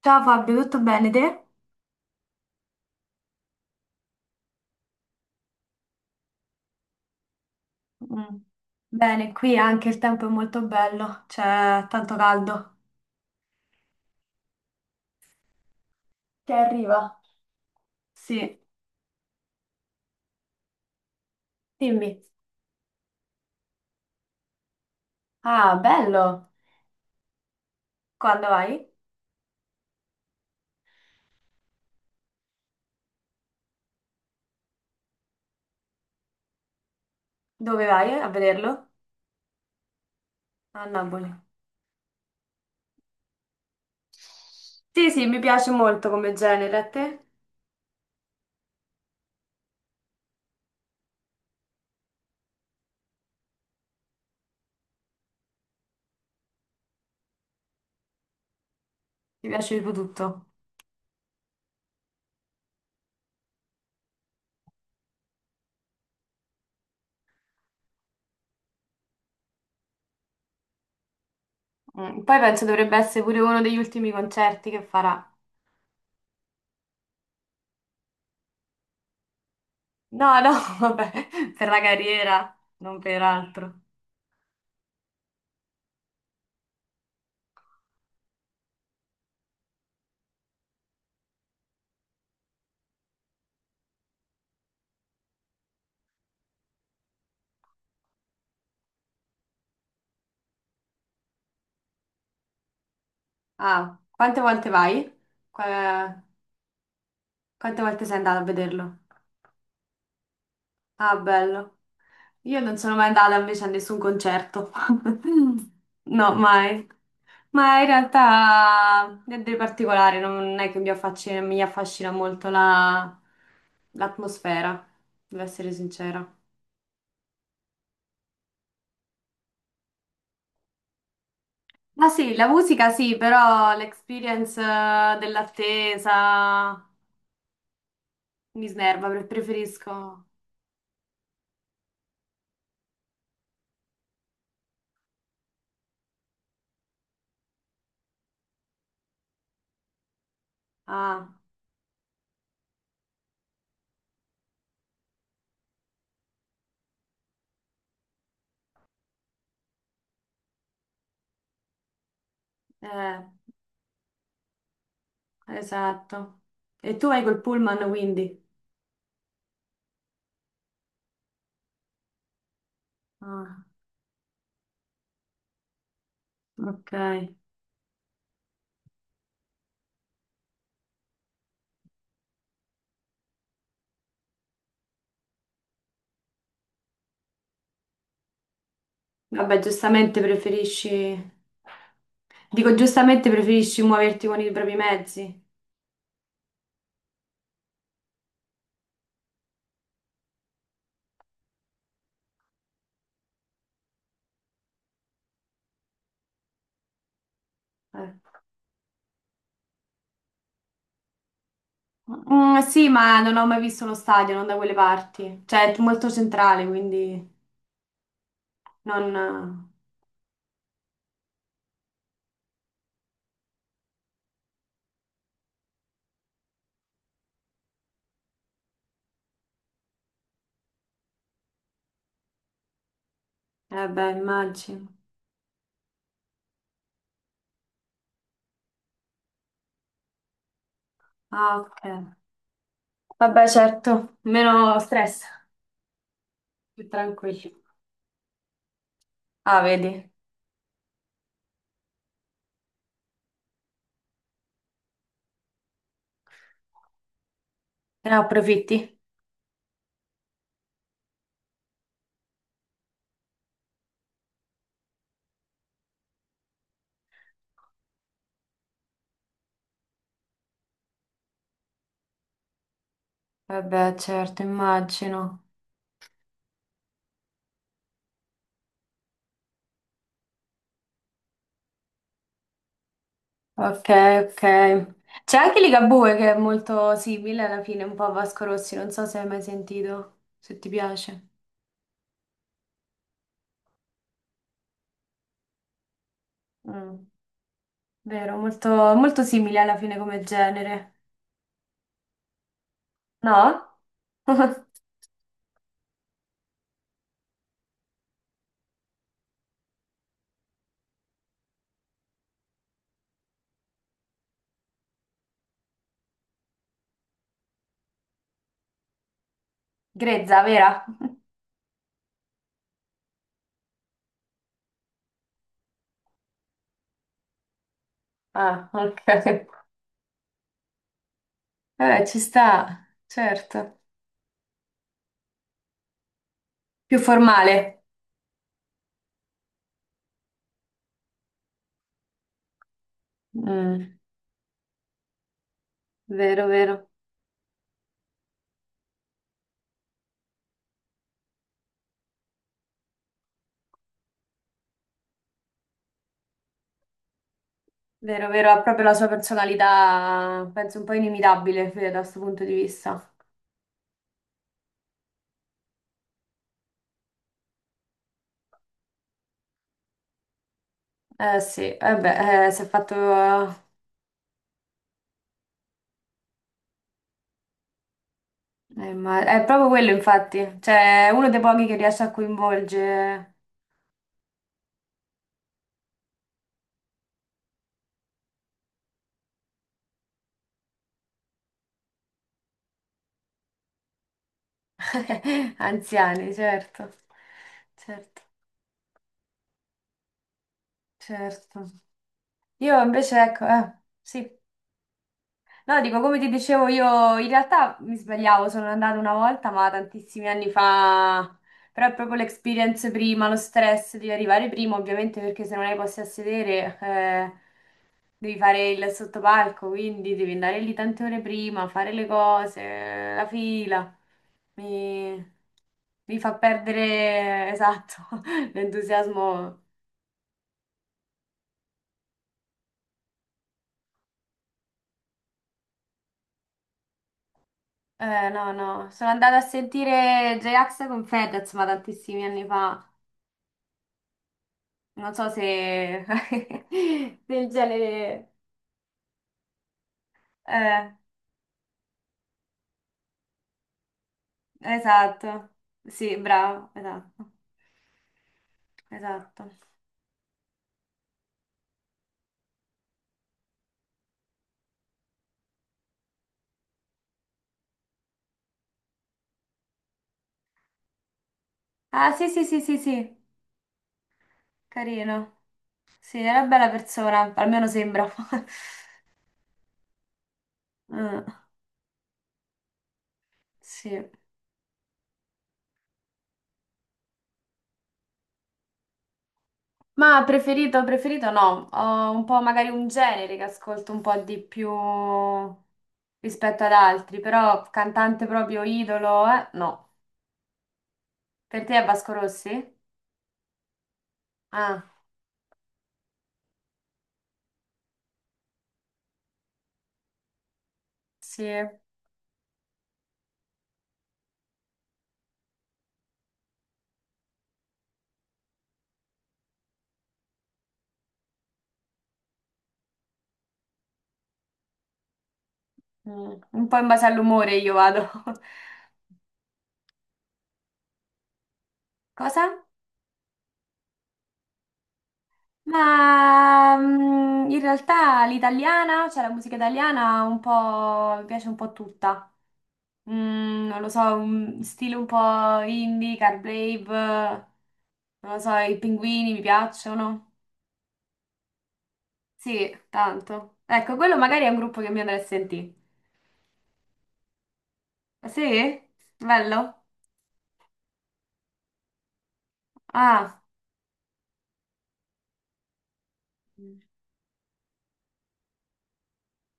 Ciao Fabio, tutto bene te? Mm. Bene, qui anche il tempo è molto bello, c'è tanto caldo. Che arriva? Sì. Dimmi. Ah, bello. Quando vai? Dove vai a vederlo? A Napoli. Sì, sì, mi piace molto come genere, a te? Mi piace tipo tutto. Mm, poi penso dovrebbe essere pure uno degli ultimi concerti che farà. No, no, vabbè, per la carriera, non per altro. Ah, quante volte vai? Qua- Quante volte sei andato a vederlo? Ah, bello. Io non sono mai andata invece a nessun concerto. No, mai. Ma in realtà niente di particolare, non è che mi affascina molto l'atmosfera, devo essere sincera. Ma sì, la musica sì, però l'experience dell'attesa mi snerva, preferisco. Ah, eh, esatto. E tu vai col pullman, quindi? Ah, ok. Vabbè, giustamente preferisci... Dico, giustamente preferisci muoverti con i propri mezzi. Eh. Mm, sì, ma non ho mai visto uno stadio, non da quelle parti. Cioè, è molto centrale, quindi non... Eh beh, immagino. Ah, ok. Vabbè, certo. Meno stress, più tranquillo. Ah, vedi? Te ne approfitti? Vabbè, certo, immagino. Ok, ok. C'è anche Ligabue che è molto simile alla fine, un po' a Vasco Rossi, non so se hai mai sentito, se ti piace. Mm, vero, molto, molto simile alla fine come genere. No? Grezza, vera? Ah, ok. Vabbè, ci sta, certo. Più formale. Mm, vero, vero. Vero, vero, ha proprio la sua personalità, penso un po' inimitabile Fede, da questo punto di vista. Eh sì, eh beh, si è fatto. Ma è proprio quello, infatti. Cioè, è uno dei pochi che riesce a coinvolgere anziani, certo. Certo, certo. Io invece, ecco, sì. No, dico, come ti dicevo, io in realtà mi sbagliavo, sono andata una volta, ma tantissimi anni fa. Però è proprio l'experience prima, lo stress di arrivare prima, ovviamente, perché se non hai posti a sedere, devi fare il sottopalco, quindi devi andare lì tante ore prima, fare le cose, la fila. Mi, mi fa perdere, esatto, l'entusiasmo. No, no. Sono andata a sentire J-Ax con Fedez, ma tantissimi anni fa. Non so se del genere... Eh, esatto. Sì, bravo, esatto. Esatto. Ah, sì, sì, sì, sì, sì. Carino. Sì, era una bella persona, almeno sembra. Mm, sì. Ma preferito, preferito no, ho un po' magari un genere che ascolto un po' di più rispetto ad altri, però cantante proprio idolo, eh? No. Per te è Vasco Rossi? Ah, sì. Mm, un po' in base all'umore io vado. Cosa? Ma in realtà l'italiana, cioè la musica italiana, un po' mi piace un po' tutta. Mm, non lo so, un stile un po' indie, Car Brave, non lo so, i pinguini mi piacciono. Sì, tanto. Ecco, quello magari è un gruppo che mi andrà a sentire. Ah, sì? Bello? Ah,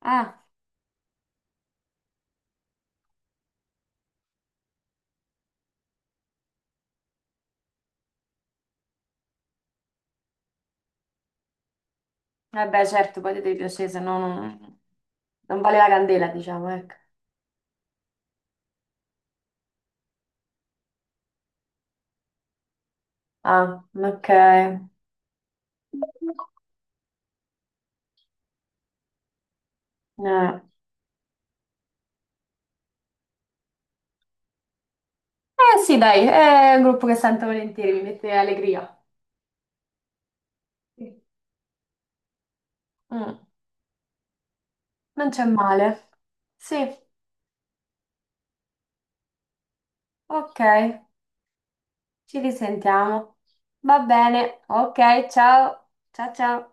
ah. Vabbè, certo, poi ti devi piacere, se no non, non vale la candela, diciamo, ecco. Ah, ok. Eh, sì, dai, è un gruppo che sento volentieri, mi mette allegria. Sì. Mm, non c'è male. Sì. Ok, ci risentiamo. Va bene, ok, ciao, ciao ciao.